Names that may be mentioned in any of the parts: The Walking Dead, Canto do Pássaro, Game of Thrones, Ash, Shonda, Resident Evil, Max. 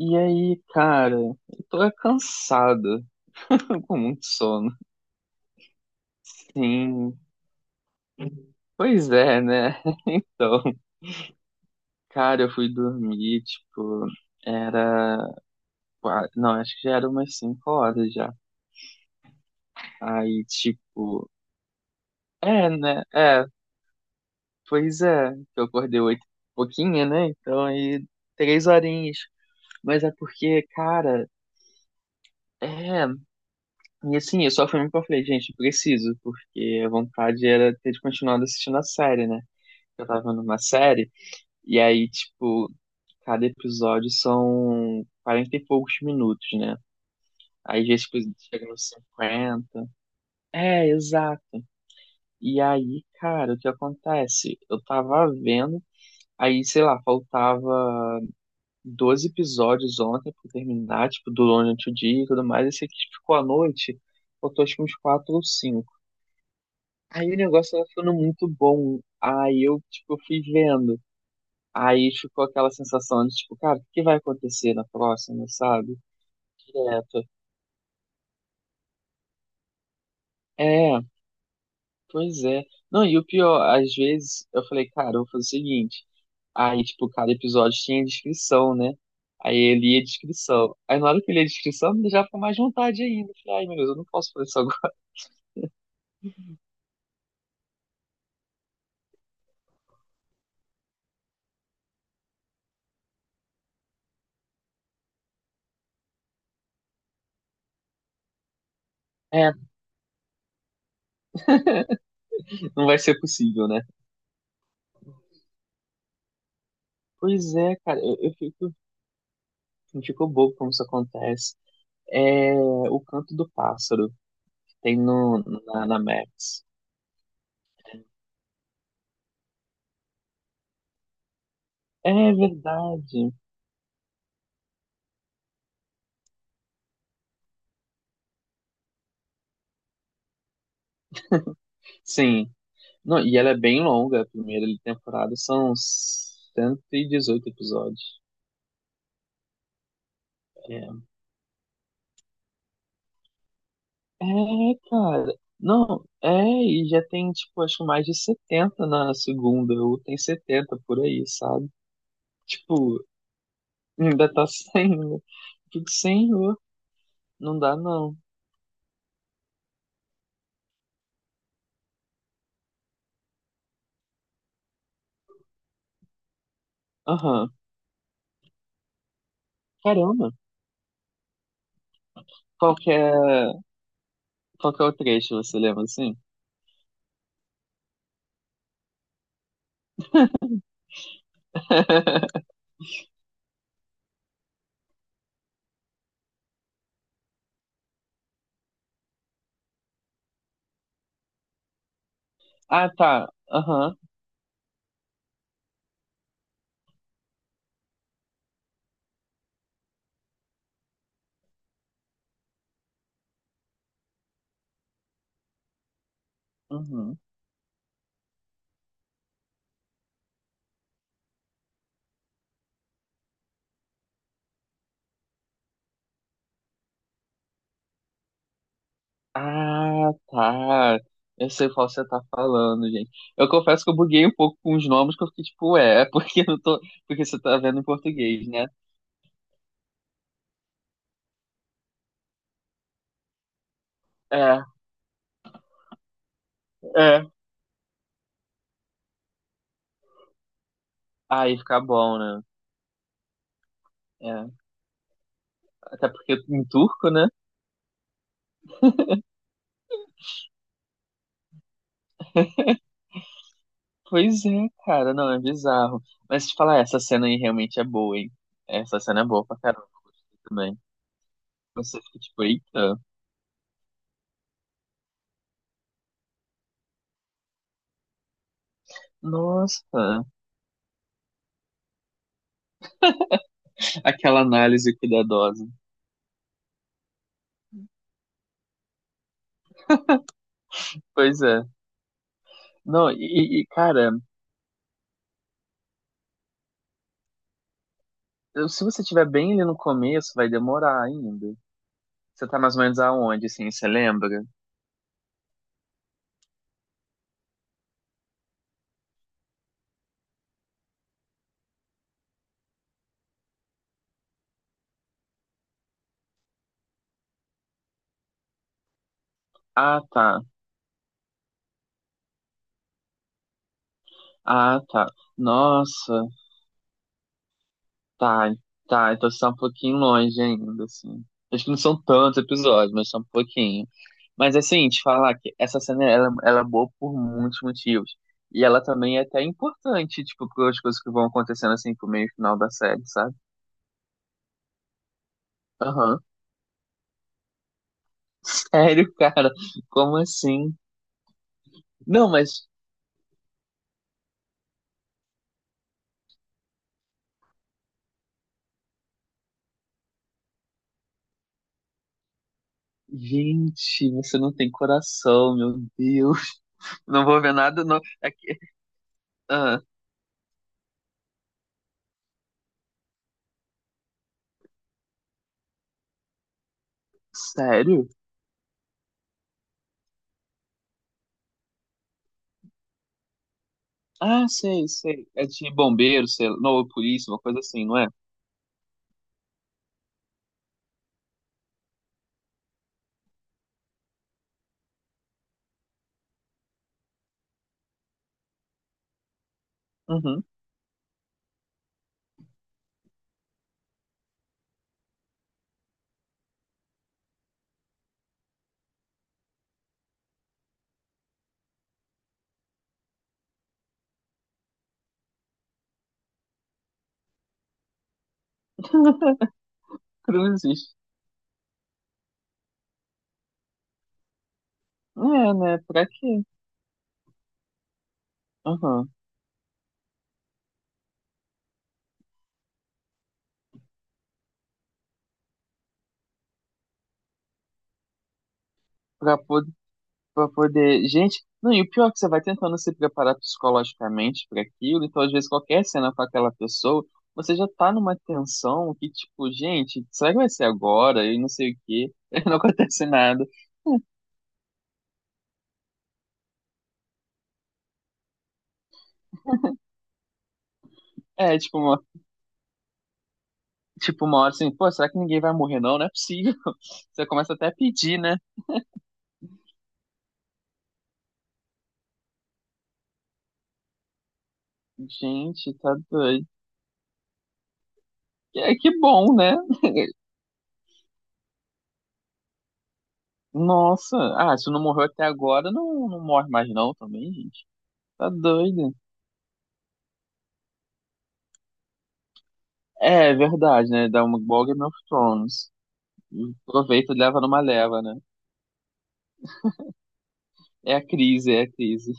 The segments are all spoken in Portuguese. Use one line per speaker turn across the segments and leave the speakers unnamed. E aí, cara, eu tô é cansado, com muito sono. Sim, pois é, né? Então, cara, eu fui dormir, tipo, era. Não, acho que já era umas 5 horas já. Aí, tipo, é, né? É, pois é, que eu acordei 8 pouquinho, né? Então, aí, 3 horinhas. Mas é porque, cara, é. E assim, eu só fui mesmo que eu falei, gente, preciso, porque a vontade era ter continuado assistindo a série, né? Eu tava vendo uma série, e aí, tipo, cada episódio são 40 e poucos minutos, né? Aí às vezes tipo, chega nos 50. É, exato. E aí, cara, o que acontece? Eu tava vendo, aí, sei lá, faltava 12 episódios ontem pra terminar, tipo, durante o dia e tudo mais, esse aqui ficou à noite, faltou acho que uns 4 ou cinco. Aí o negócio tava ficando muito bom. Aí eu, tipo, fui vendo. Aí ficou aquela sensação de, tipo, cara, o que vai acontecer na próxima, sabe? Direto. É, pois é. Não, e o pior, às vezes eu falei, cara, eu vou fazer o seguinte. Aí, tipo, cada episódio tinha descrição, né? Aí eu lia a descrição. Aí na hora que eu li a descrição, me já ficou mais vontade ainda. Eu falei, ai, meu Deus, eu não posso fazer isso agora. É, não vai ser possível, né? Pois é, cara, eu fico bobo como isso acontece. É o Canto do Pássaro, que tem no, na Max. É verdade. Sim. Não, e ela é bem longa, a primeira temporada são 118 episódios. É, é cara. Não, é, e já tem, tipo, acho que mais de 70 na segunda, ou tem 70 por aí, sabe? Tipo, ainda tá sem, né? Fico, senhor, não dá não. Aham, caramba. Qual que é, qual que é o trecho, você lembra assim? Ah, tá. Aham. Uhum. Ah, tá. Eu sei qual você tá falando, gente. Eu confesso que eu buguei um pouco com os nomes, que eu fiquei tipo, é, porque eu não tô. Porque você tá vendo em português, né? É, é. Aí fica bom, né? É. Até porque em turco, né? Pois é, cara, não, é bizarro. Mas te falar, essa cena aí realmente é boa, hein? Essa cena é boa pra caramba, eu gostei também. Você fica tipo, eita, nossa, aquela análise cuidadosa. Pois é. Não, e, cara, se você tiver bem ali no começo, vai demorar ainda. Você tá mais ou menos aonde, assim, você lembra? Ah, tá. Ah, tá. Nossa, tá. Tá, então você tá um pouquinho longe ainda, assim. Acho que não são tantos episódios, mas são um pouquinho. Mas, assim, te falar que essa cena, ela é boa por muitos motivos. E ela também é até importante, tipo, para as coisas que vão acontecendo, assim, pro meio e final da série, sabe? Aham. Sério, cara? Como assim? Não, mas gente, você não tem coração, meu Deus. Não vou ver nada. Não. Aqui, ah, sério? Ah, sei, sei. É de bombeiro, sei lá. Não, polícia, uma coisa assim, não é? Uhum. Cruzes. É, né? Pra quê? Uhum. Pra, pod- pra poder. Gente, não, e o pior é que você vai tentando se preparar psicologicamente pra aquilo, então às vezes qualquer cena com aquela pessoa, você já tá numa tensão que, tipo, gente, será que vai ser agora? E não sei o quê. Não acontece nada. É, tipo, uma hora assim, pô, será que ninguém vai morrer não? Não é possível. Você começa até a pedir, né? Gente, tá doido. É que bom, né? Nossa, ah, se não morreu até agora, não, não morre mais não também, gente. Tá doido. É, é verdade, né? Dá uma igual Game of Thrones. Aproveita e leva numa leva, né? É a crise, é a crise.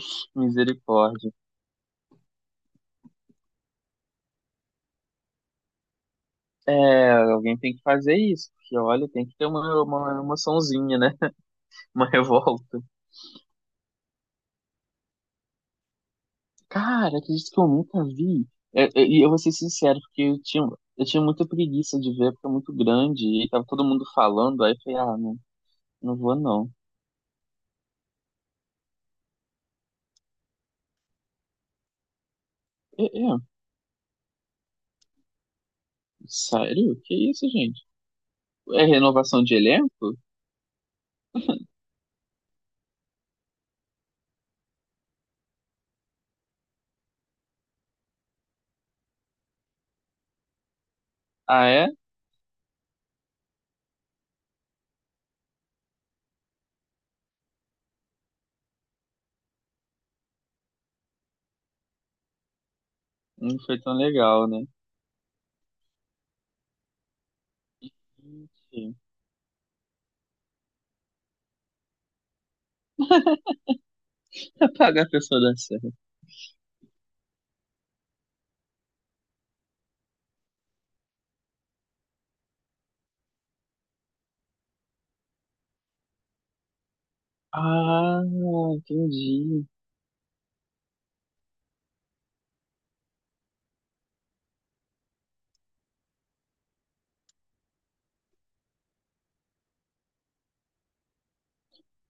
Misericórdia. É, alguém tem que fazer isso, porque olha, tem que ter uma emoçãozinha, né? Uma revolta. Cara, acredito que eu nunca vi. É, é, e eu vou ser sincero, porque eu tinha muita preguiça de ver, porque é muito grande, e tava todo mundo falando, aí eu falei, ah, não, não vou não. É, é, sério? Que isso, gente? É renovação de elenco? Ah, é? Não foi tão legal, né? Gente, apagar a pessoa da série. Ah, entendi.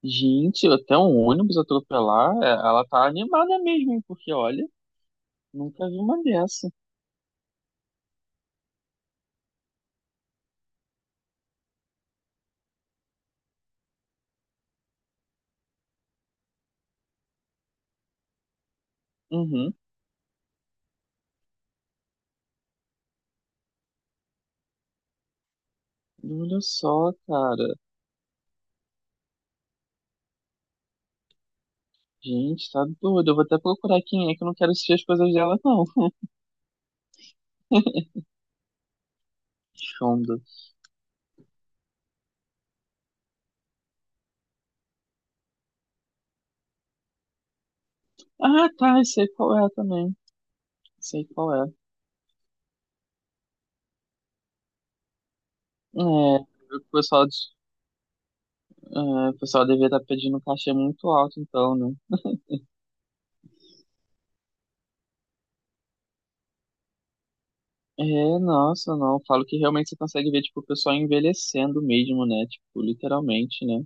Gente, até um ônibus atropelar, é, ela tá animada mesmo, hein, porque olha, nunca vi uma dessa. Uhum. Olha só, cara. Gente, tá doido. Eu vou até procurar quem é que eu não quero assistir as coisas dela, não. Shonda. Ah, tá. Eu sei qual é também. Sei qual é. É, o pessoal, é, o pessoal devia estar pedindo um cachê muito alto, então, né? É, nossa, não. Eu falo que realmente você consegue ver, tipo, o pessoal envelhecendo mesmo, né? Tipo, literalmente, né?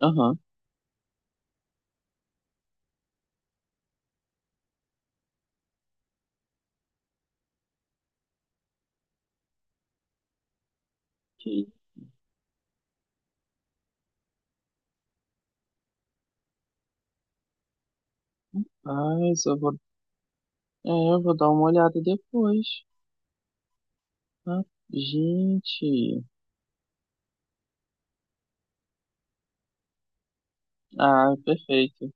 Aham. Que paz, eu vou. É, eu vou dar uma olhada depois. Ah, gente. Ah, perfeito.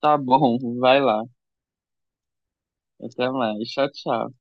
Tá bom, vai lá. Até mais. Tchau, tchau.